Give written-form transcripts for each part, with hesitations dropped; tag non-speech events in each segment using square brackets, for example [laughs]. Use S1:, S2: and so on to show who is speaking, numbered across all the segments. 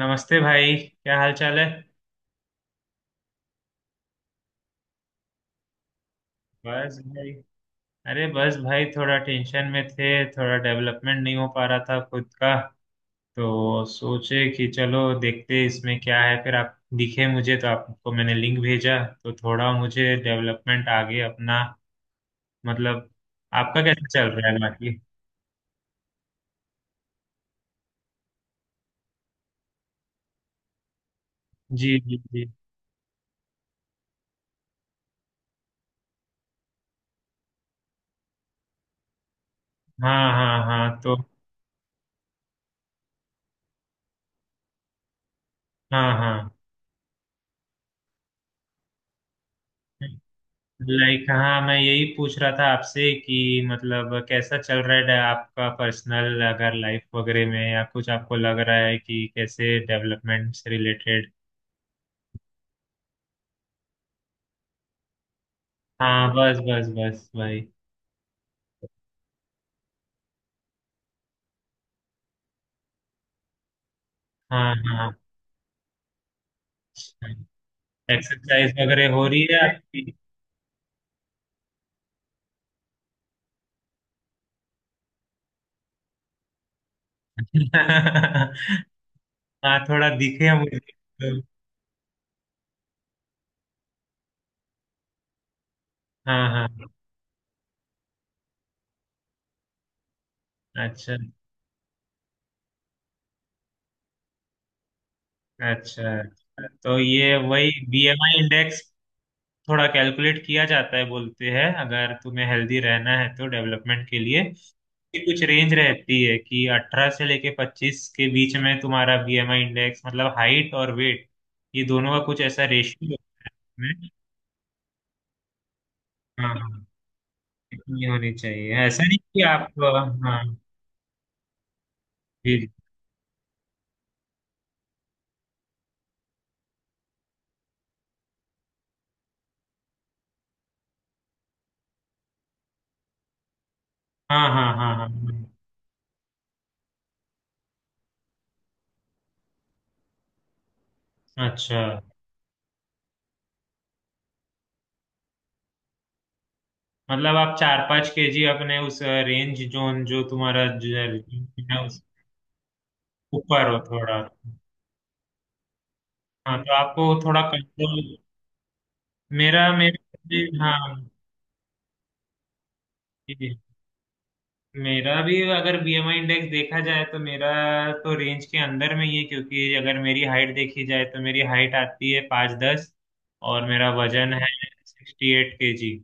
S1: नमस्ते भाई, क्या हाल चाल है। बस भाई, अरे बस भाई, थोड़ा टेंशन में थे, थोड़ा डेवलपमेंट नहीं हो पा रहा था खुद का। तो सोचे कि चलो देखते इसमें क्या है, फिर आप दिखे मुझे, तो आपको मैंने लिंक भेजा। तो थोड़ा मुझे डेवलपमेंट आगे अपना, मतलब, आपका कैसा चल रहा है बाकी? जी जी जी। हाँ हाँ हाँ, तो हाँ हाँ। लाइक हाँ, मैं यही पूछ रहा था आपसे कि मतलब कैसा चल रहा है आपका पर्सनल, अगर लाइफ वगैरह में, या कुछ आपको लग रहा है कि कैसे, डेवलपमेंट से रिलेटेड। हाँ बस बस बस भाई। हाँ हाँ, एक्सरसाइज वगैरह हो रही है आपकी? [laughs] हाँ थोड़ा दिखे मुझे तो। हाँ हाँ। अच्छा। अच्छा, तो ये वही बीएमआई इंडेक्स थोड़ा कैलकुलेट किया जाता है, बोलते हैं अगर तुम्हें हेल्दी रहना है तो डेवलपमेंट के लिए, कि कुछ रेंज रहती है कि अठारह से लेके पच्चीस के बीच में तुम्हारा बीएमआई इंडेक्स, मतलब हाइट और वेट, ये दोनों का कुछ ऐसा रेशियो है। हाँ हाँ, इतनी होनी चाहिए, ऐसा नहीं कि आप। हाँ, जी जी। हाँ हाँ हाँ हाँ। हाँ। अच्छा, मतलब आप चार पाँच केजी अपने उस रेंज जोन, जो तुम्हारा जो है उस ऊपर हो थोड़ा। हाँ तो आपको थोड़ा कंट्रोल। मेरा मेरा भी, हाँ जी। मेरा भी अगर बीएमआई इंडेक्स देखा जाए तो मेरा तो रेंज के अंदर में ही है, क्योंकि अगर मेरी हाइट देखी जाए तो मेरी हाइट आती है पाँच दस, और मेरा वजन है सिक्सटी एट के जी।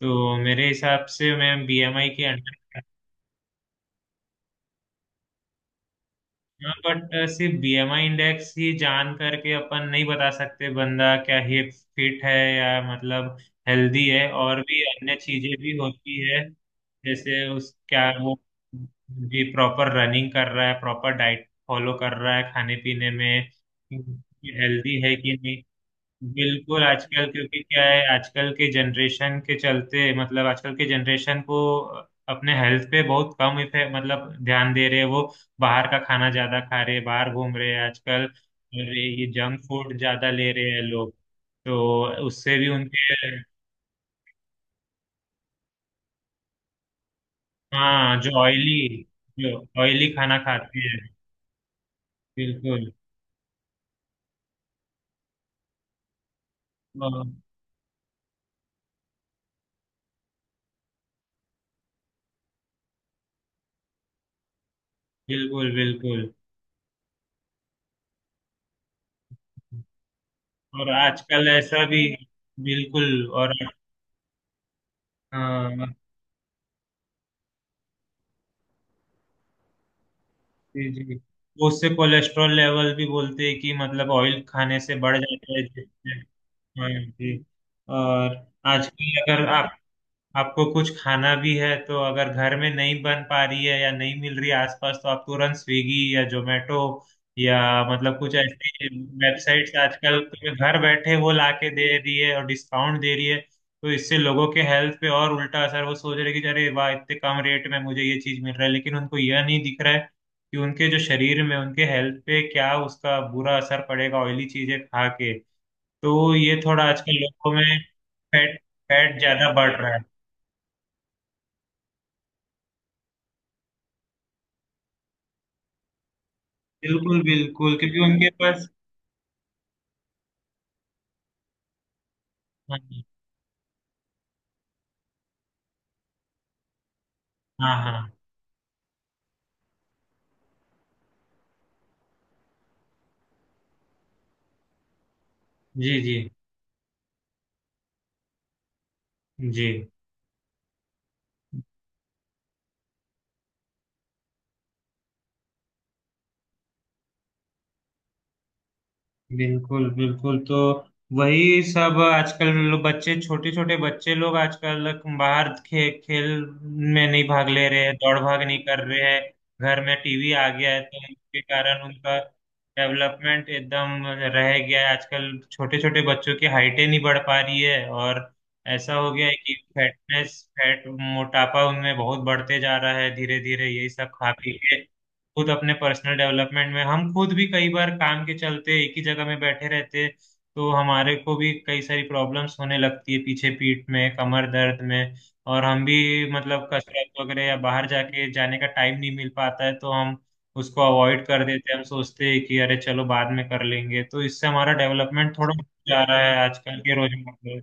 S1: तो मेरे हिसाब से मैं बीएमआई के अंडर। हाँ, बट सिर्फ बीएमआई इंडेक्स ही जान करके अपन नहीं बता सकते बंदा क्या ही फिट है या, मतलब, हेल्दी है। और भी अन्य चीजें भी होती है जैसे उस क्या वो, जी, प्रॉपर रनिंग कर रहा है, प्रॉपर डाइट फॉलो कर रहा है खाने पीने में, हेल्दी है कि नहीं। बिल्कुल, आजकल क्योंकि क्या है, आजकल के जनरेशन के चलते, मतलब आजकल के जनरेशन को अपने हेल्थ पे बहुत कम इफे मतलब ध्यान दे रहे हैं वो। बाहर का खाना ज्यादा खा रहे हैं, बाहर घूम रहे हैं आजकल, और ये जंक फूड ज्यादा ले रहे हैं लोग। तो उससे भी उनके, हाँ जो ऑयली खाना खाते हैं। बिल्कुल। अ, बिल्कुल बिल्कुल। और आजकल ऐसा भी। बिल्कुल। और हाँ जी जी, तो उससे कोलेस्ट्रॉल लेवल भी बोलते हैं कि मतलब ऑयल खाने से बढ़ जाता है जिससे, हाँ जी। और आजकल अगर आप, आपको कुछ खाना भी है तो अगर घर में नहीं बन पा रही है या नहीं मिल रही है आसपास, तो आप तुरंत स्विगी या जोमेटो या, मतलब कुछ ऐसी वेबसाइट्स आजकल तुम्हें घर बैठे वो लाके दे रही है और डिस्काउंट दे रही है। तो इससे लोगों के हेल्थ पे और उल्टा असर, वो सोच रहे कि अरे वाह इतने कम रेट में मुझे ये चीज मिल रहा है, लेकिन उनको यह नहीं दिख रहा है कि उनके जो शरीर में, उनके हेल्थ पे क्या उसका बुरा असर पड़ेगा ऑयली चीजें खा के। तो ये थोड़ा आजकल लोगों में फैट फैट ज्यादा बढ़ रहा है। बिल्कुल बिल्कुल, क्योंकि उनके पास। हाँ हाँ हाँ, जी जी जी। बिल्कुल बिल्कुल, तो वही सब आजकल बच्चे, छोटे छोटे बच्चे लोग आजकल बाहर खेल में नहीं भाग ले रहे हैं, दौड़ भाग नहीं कर रहे हैं। घर में टीवी आ गया है तो उसके कारण उनका डेवलपमेंट एकदम रह गया है। आजकल छोटे छोटे बच्चों की हाइटें नहीं बढ़ पा रही है, और ऐसा हो गया है कि फैटनेस, फैट, मोटापा उनमें बहुत बढ़ते जा रहा है धीरे धीरे, यही सब खा पी के। खुद अपने पर्सनल डेवलपमेंट में, हम खुद भी कई बार काम के चलते एक ही जगह में बैठे रहते, तो हमारे को भी कई सारी प्रॉब्लम्स होने लगती है पीछे, पीठ में, कमर दर्द में। और हम भी, मतलब, कसरत वगैरह या बाहर जाके जाने का टाइम नहीं मिल पाता है, तो हम उसको अवॉइड कर देते हैं। हम सोचते हैं कि अरे चलो बाद में कर लेंगे, तो इससे हमारा डेवलपमेंट थोड़ा जा रहा है आजकल के रोजमर्रा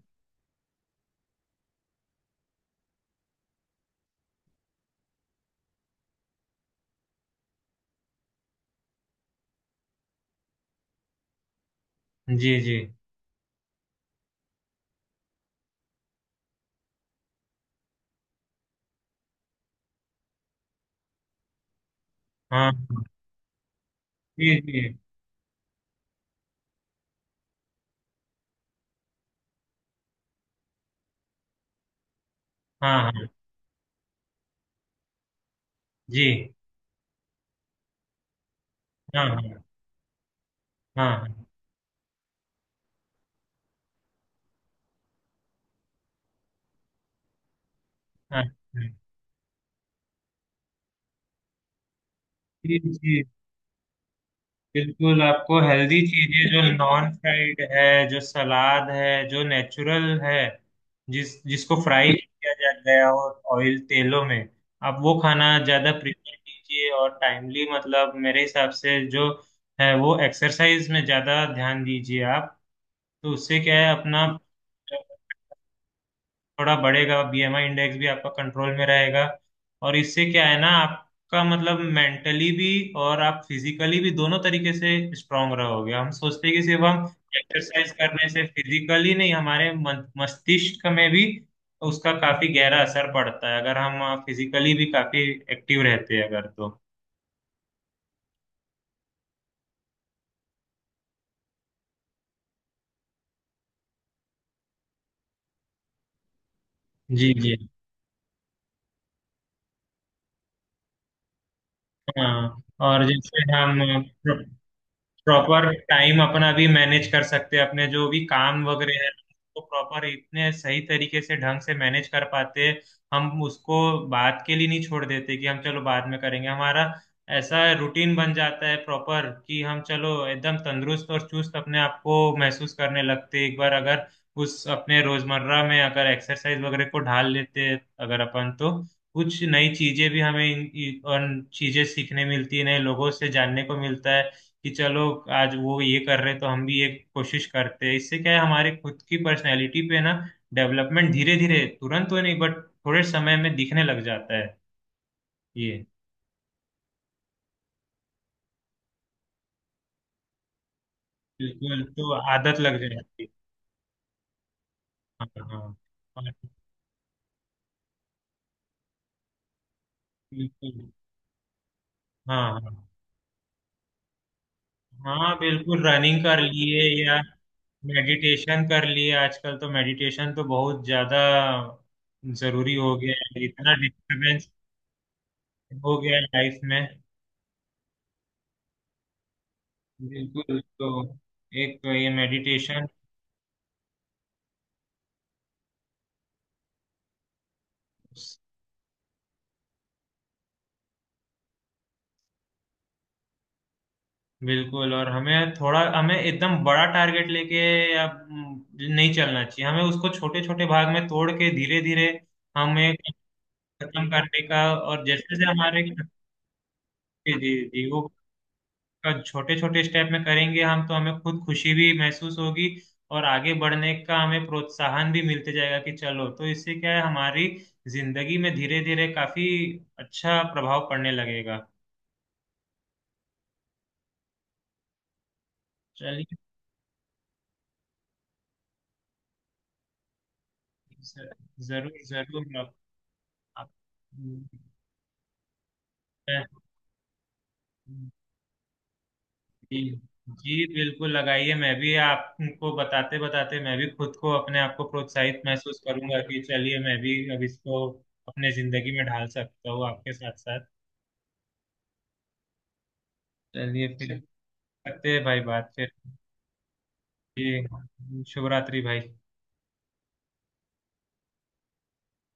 S1: में। जी जी। हाँ हाँ। जी जी। हाँ हाँ जी। हाँ हाँ हाँ हाँ। हाँ, हाँ। जी जी। बिल्कुल, आपको हेल्दी चीजें जो नॉन फ्राइड है, जो सलाद है, जो नेचुरल है, जिस जिसको फ्राई किया जाता है और ऑयल तेलों में, आप वो खाना ज्यादा प्रेफर कीजिए। और टाइमली, मतलब मेरे हिसाब से जो है वो एक्सरसाइज में ज्यादा ध्यान दीजिए आप। तो उससे क्या है, अपना थोड़ा बढ़ेगा, बीएमआई इंडेक्स भी आपका कंट्रोल में रहेगा। और इससे क्या है ना, आपका मतलब मेंटली भी और आप फिजिकली भी, दोनों तरीके से स्ट्रांग रहोगे। हम सोचते हैं कि सिर्फ हम एक्सरसाइज करने से फिजिकली नहीं, हमारे मस्तिष्क में भी उसका काफी गहरा असर पड़ता है, अगर हम फिजिकली भी काफी एक्टिव रहते हैं अगर तो। जी जी। हाँ, और जैसे हम प्रॉपर टाइम अपना भी मैनेज कर सकते हैं, अपने जो भी काम वगैरह है उसको प्रॉपर इतने सही तरीके से, ढंग से मैनेज कर पाते हैं। हम उसको बात के लिए नहीं छोड़ देते कि हम चलो बाद में करेंगे। हमारा ऐसा रूटीन बन जाता है प्रॉपर, कि हम चलो एकदम तंदुरुस्त और चुस्त अपने आप को महसूस करने लगते हैं एक बार, अगर उस अपने रोजमर्रा में अगर एक्सरसाइज वगैरह को ढाल लेते हैं अगर अपन तो। कुछ नई चीजें भी हमें और चीजें सीखने मिलती है, नए लोगों से जानने को मिलता है कि चलो आज वो ये कर रहे हैं, तो हम भी एक कोशिश करते हैं। इससे क्या है, हमारे खुद की पर्सनैलिटी पे ना डेवलपमेंट धीरे धीरे, तुरंत तो नहीं बट थोड़े समय में दिखने लग जाता है ये। बिल्कुल, तो आदत लग जाती है। हाँ हाँ हाँ, बिल्कुल। हाँ हाँ हाँ, बिल्कुल रनिंग कर लिए या मेडिटेशन कर लिए। आजकल तो मेडिटेशन तो बहुत ज्यादा जरूरी हो गया है, इतना डिस्टरबेंस हो गया है लाइफ में। बिल्कुल, तो एक तो ये मेडिटेशन। बिल्कुल, और हमें थोड़ा, हमें एकदम बड़ा टारगेट लेके या नहीं चलना चाहिए। हमें उसको छोटे छोटे भाग में तोड़ के धीरे धीरे हमें खत्म करने का। और जैसे जैसे हमारे जी जी जी, वो का छोटे छोटे स्टेप में करेंगे हम, तो हमें खुद खुशी भी महसूस होगी और आगे बढ़ने का हमें प्रोत्साहन भी मिलते जाएगा कि चलो, तो इससे क्या है हमारी जिंदगी में धीरे धीरे काफी अच्छा प्रभाव पड़ने लगेगा। चलिए। ज- जरूर जरूर आप, आप। जी जी, बिल्कुल लगाइए। मैं भी आपको बताते बताते मैं भी खुद को, अपने आप को प्रोत्साहित महसूस करूंगा कि चलिए मैं भी अब इसको अपने जिंदगी में ढाल सकता हूँ आपके साथ साथ। चलिए फिर, करते हैं भाई बात फिर। जी, शुभ रात्रि भाई।